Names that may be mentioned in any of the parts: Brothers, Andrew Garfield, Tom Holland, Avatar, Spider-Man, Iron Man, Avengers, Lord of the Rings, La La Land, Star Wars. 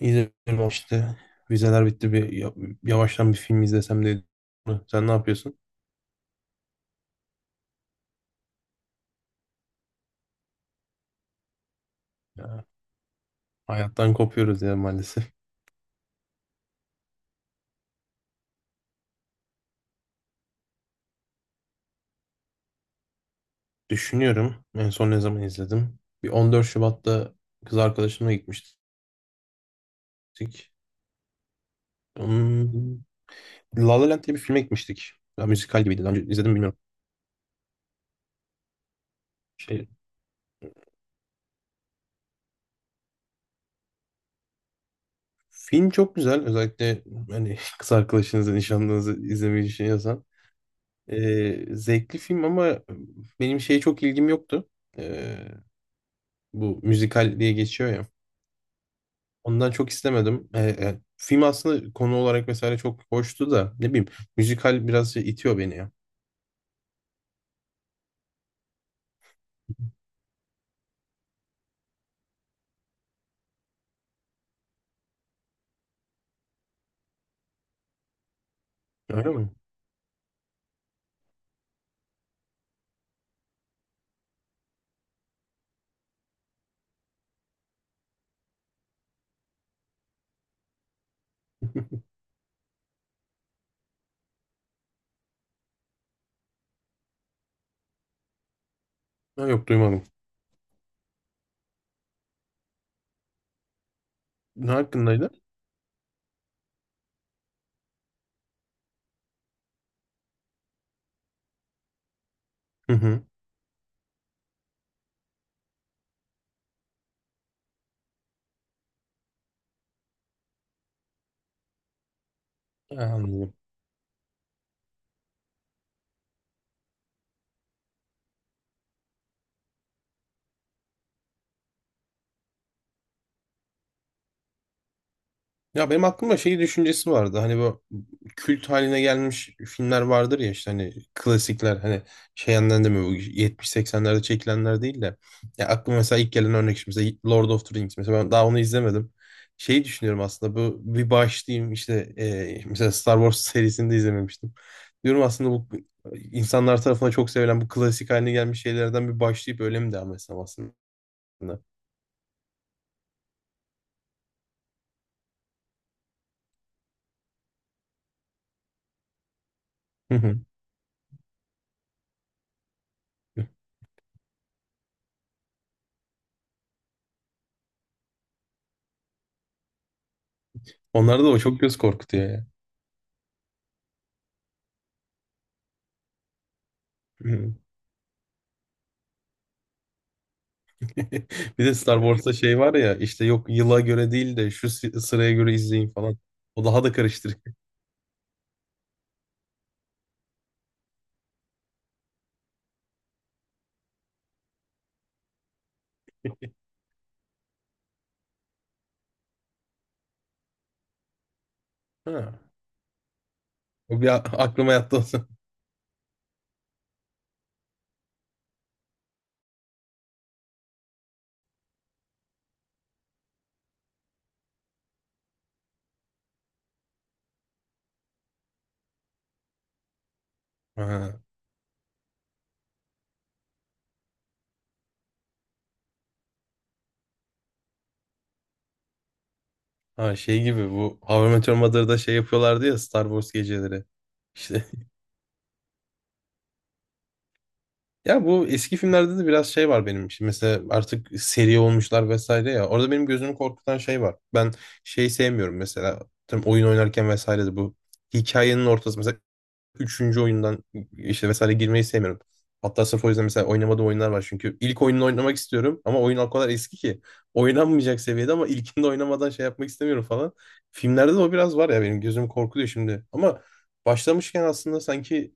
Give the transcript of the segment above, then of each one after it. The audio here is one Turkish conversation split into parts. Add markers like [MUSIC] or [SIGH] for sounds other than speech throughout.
İzledim işte. Vizeler bitti, yavaştan bir film izlesem de dedim. Sen ne yapıyorsun? Ya, hayattan kopuyoruz ya maalesef. Düşünüyorum, en son ne zaman izledim? Bir 14 Şubat'ta kız arkadaşımla gitmiştik. Hmm, La La Land diye bir filme gitmiştik. Ya, müzikal gibiydi. Daha önce izledim mi bilmiyorum. Şey, Film çok güzel. Özellikle hani [LAUGHS] kız arkadaşınızı, nişanlınızı izlemeyi düşünüyorsan. Zevkli film ama benim şeye çok ilgim yoktu. Ee, Bu müzikal diye geçiyor ya. Ondan çok istemedim. Film aslında konu olarak vesaire çok hoştu da, ne bileyim, müzikal biraz şey itiyor beni ya. Öyle mi? [LAUGHS] Ha, yok, duymadım. Ne hakkındaydı? Hı hı. Ha, anladım. Ya benim aklımda şey düşüncesi vardı. Hani bu kült haline gelmiş filmler vardır ya, işte hani klasikler, hani şey yandan demiyor, bu 70-80'lerde çekilenler değil de. Ya aklıma mesela ilk gelen örnek, şimdi mesela Lord of the Rings, mesela ben daha onu izlemedim. Şeyi düşünüyorum aslında, bu bir başlayayım, işte mesela Star Wars [LAUGHS] serisini de izlememiştim. Diyorum aslında bu insanlar tarafından çok sevilen, bu klasik haline gelmiş şeylerden bir başlayıp öyle mi devam etsem aslında? [LAUGHS] Hı. Onlarda da o çok göz korkutuyor ya. [LAUGHS] Bir de Star Wars'ta şey var ya, işte yok yıla göre değil de şu sıraya göre izleyin falan. O daha da karıştırıyor. Ha. O bir aklıma yattı o zaman. [LAUGHS] Ha. Ha, şey gibi, bu How I Met Your Mother'da şey yapıyorlardı ya, Star Wars geceleri. İşte [LAUGHS] ya bu eski filmlerde de biraz şey var benim için. Mesela artık seri olmuşlar vesaire ya. Orada benim gözümü korkutan şey var. Ben şey sevmiyorum mesela. Tam oyun oynarken vesaire de bu hikayenin ortası, mesela üçüncü oyundan işte vesaire girmeyi sevmiyorum. Hatta sırf o yüzden mesela oynamadığım oyunlar var çünkü. İlk oyununu oynamak istiyorum ama oyun o kadar eski ki. Oynanmayacak seviyede, ama ilkinde oynamadan şey yapmak istemiyorum falan. Filmlerde de o biraz var ya, benim gözüm korkuluyor şimdi. Ama başlamışken aslında sanki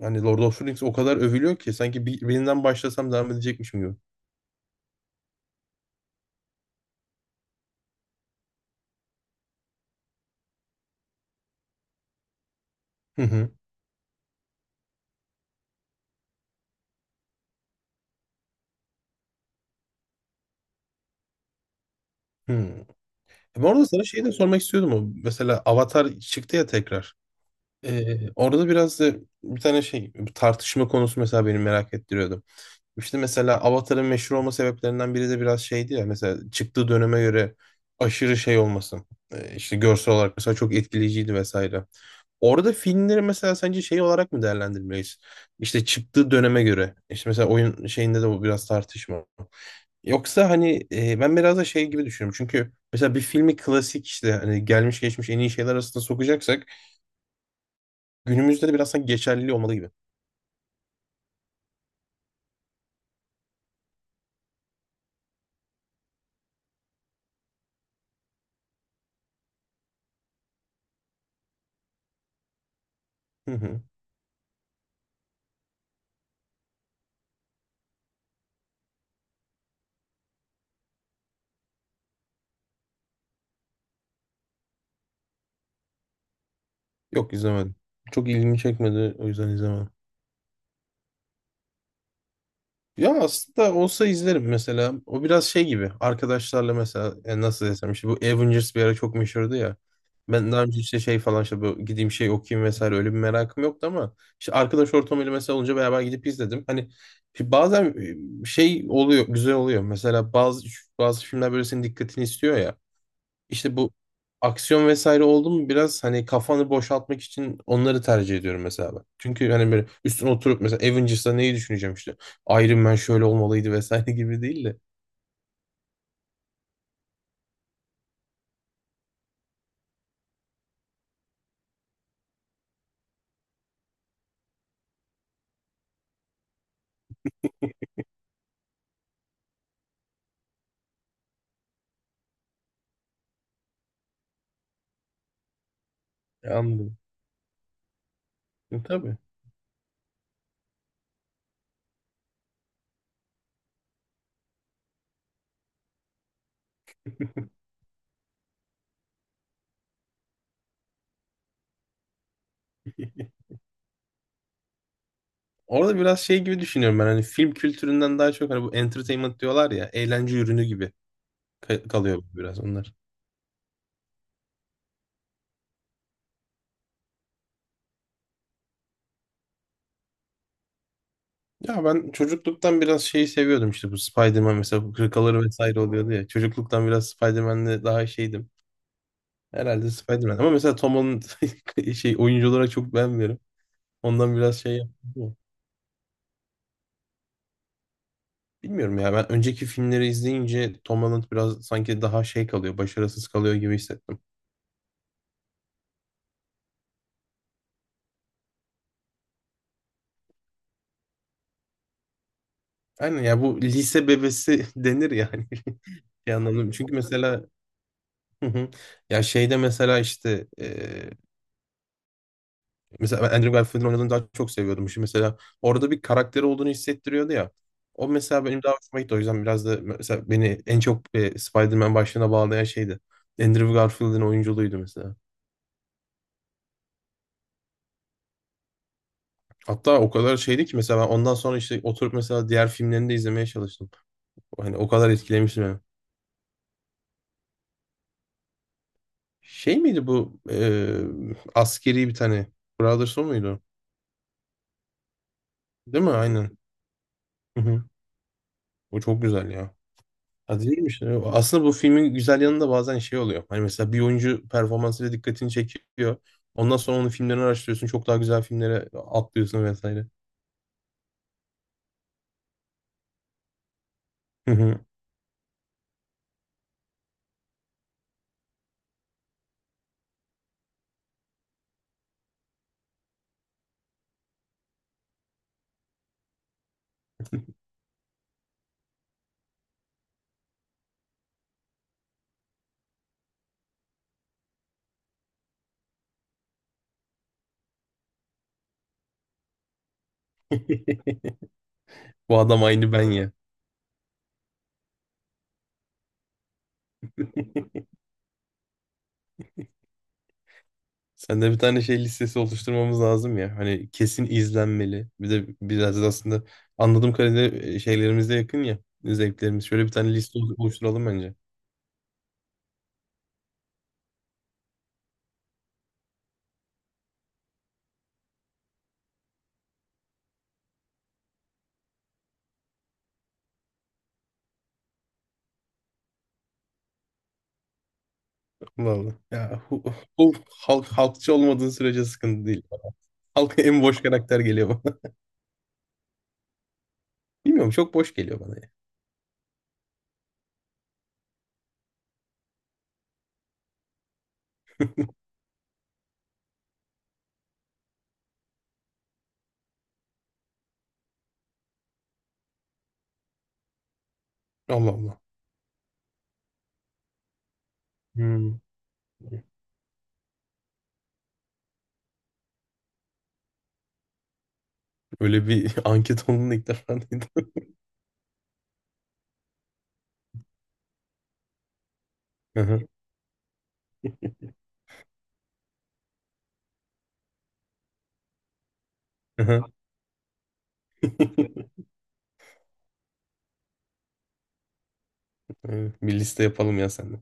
hani Lord of the Rings o kadar övülüyor ki sanki birinden başlasam devam edecekmişim gibi. Hı hı. Hı. Bu arada sana şey de sormak istiyordum. O. Mesela Avatar çıktı ya tekrar. Orada biraz da bir tane şey tartışma konusu mesela beni merak ettiriyordu. İşte mesela Avatar'ın meşhur olma sebeplerinden biri de biraz şeydi ya, mesela çıktığı döneme göre aşırı şey olması. İşte görsel olarak mesela çok etkileyiciydi vesaire. Orada filmleri mesela sence şey olarak mı değerlendirmeliyiz? İşte çıktığı döneme göre. İşte mesela oyun şeyinde de bu biraz tartışma. Yoksa hani ben biraz da şey gibi düşünüyorum. Çünkü mesela bir filmi klasik, işte hani gelmiş geçmiş en iyi şeyler arasında sokacaksak, günümüzde de biraz sanki geçerliliği olmalı gibi. Hı hı. Yok, izlemedim. Çok ilgimi çekmedi, o yüzden izlemedim. Ya aslında olsa izlerim mesela. O biraz şey gibi. Arkadaşlarla mesela, nasıl desem, işte bu Avengers bir ara çok meşhurdu ya. Ben daha önce işte şey falan, işte bu gideyim şey okuyayım vesaire, öyle bir merakım yoktu ama işte arkadaş ortamıyla mesela olunca beraber gidip izledim. Hani işte bazen şey oluyor, güzel oluyor. Mesela bazı filmler böyle senin dikkatini istiyor ya. İşte bu aksiyon vesaire oldu mu, biraz hani kafanı boşaltmak için onları tercih ediyorum mesela ben. Çünkü hani böyle üstüne oturup mesela Avengers'ta neyi düşüneceğim işte. Iron Man şöyle olmalıydı vesaire [LAUGHS] gibi değil de. Anladım. Tabii. [LAUGHS] Orada biraz şey gibi düşünüyorum ben, hani film kültüründen daha çok, hani bu entertainment diyorlar ya, eğlence ürünü gibi kalıyor biraz onlar. Ya ben çocukluktan biraz şeyi seviyordum, işte bu Spider-Man, mesela bu hırkaları vesaire oluyordu ya. Çocukluktan biraz Spider-Man'le daha şeydim. Herhalde Spider-Man. Ama mesela Tom Holland [LAUGHS] şey, oyuncu olarak çok beğenmiyorum. Ondan biraz şey yaptım. Bilmiyorum ya, ben önceki filmleri izleyince Tom Holland biraz sanki daha şey kalıyor, başarısız kalıyor gibi hissettim. Aynen ya, bu lise bebesi [LAUGHS] denir yani. [LAUGHS] Bir anlamda. Çünkü mesela [LAUGHS] hı hı. Ya şeyde mesela işte, mesela ben Andrew Garfield'in oynadığını daha çok seviyordum. Şimdi mesela orada bir karakteri olduğunu hissettiriyordu ya. O mesela benim daha hoşuma gitti. O yüzden biraz da mesela beni en çok Spider-Man başlığına bağlayan şeydi. Andrew Garfield'in oyunculuğuydu mesela. Hatta o kadar şeydi ki mesela ben ondan sonra işte oturup mesela diğer filmlerini de izlemeye çalıştım. Hani o kadar etkilemişti beni. Şey miydi bu askeri bir tane, Brothers o muydu? Değil mi? Aynen. Hı hı. O çok güzel ya. Hadi diyorum işte. Aslında bu filmin güzel yanında bazen şey oluyor. Hani mesela bir oyuncu performansıyla dikkatini çekiyor. Ondan sonra onun filmlerini araştırıyorsun. Çok daha güzel filmlere atlıyorsun vesaire. Hı hı. [LAUGHS] Bu adam aynı ben ya. Sen de bir tane şey listesi oluşturmamız lazım ya. Hani kesin izlenmeli. Bir de biraz da aslında, anladığım kadarıyla şeylerimize yakın ya. Zevklerimiz. Şöyle bir tane liste oluşturalım bence. Vallahi. Halk, halkçı olmadığın sürece sıkıntı değil. Halka en boş karakter geliyor. Bilmiyorum, çok boş geliyor bana ya. Allah Allah. Hmm. Öyle bir [LAUGHS] anket olduğunu ilk defa duydum. [LAUGHS] Hı hı. [LAUGHS] Evet, bir liste yapalım ya seninle.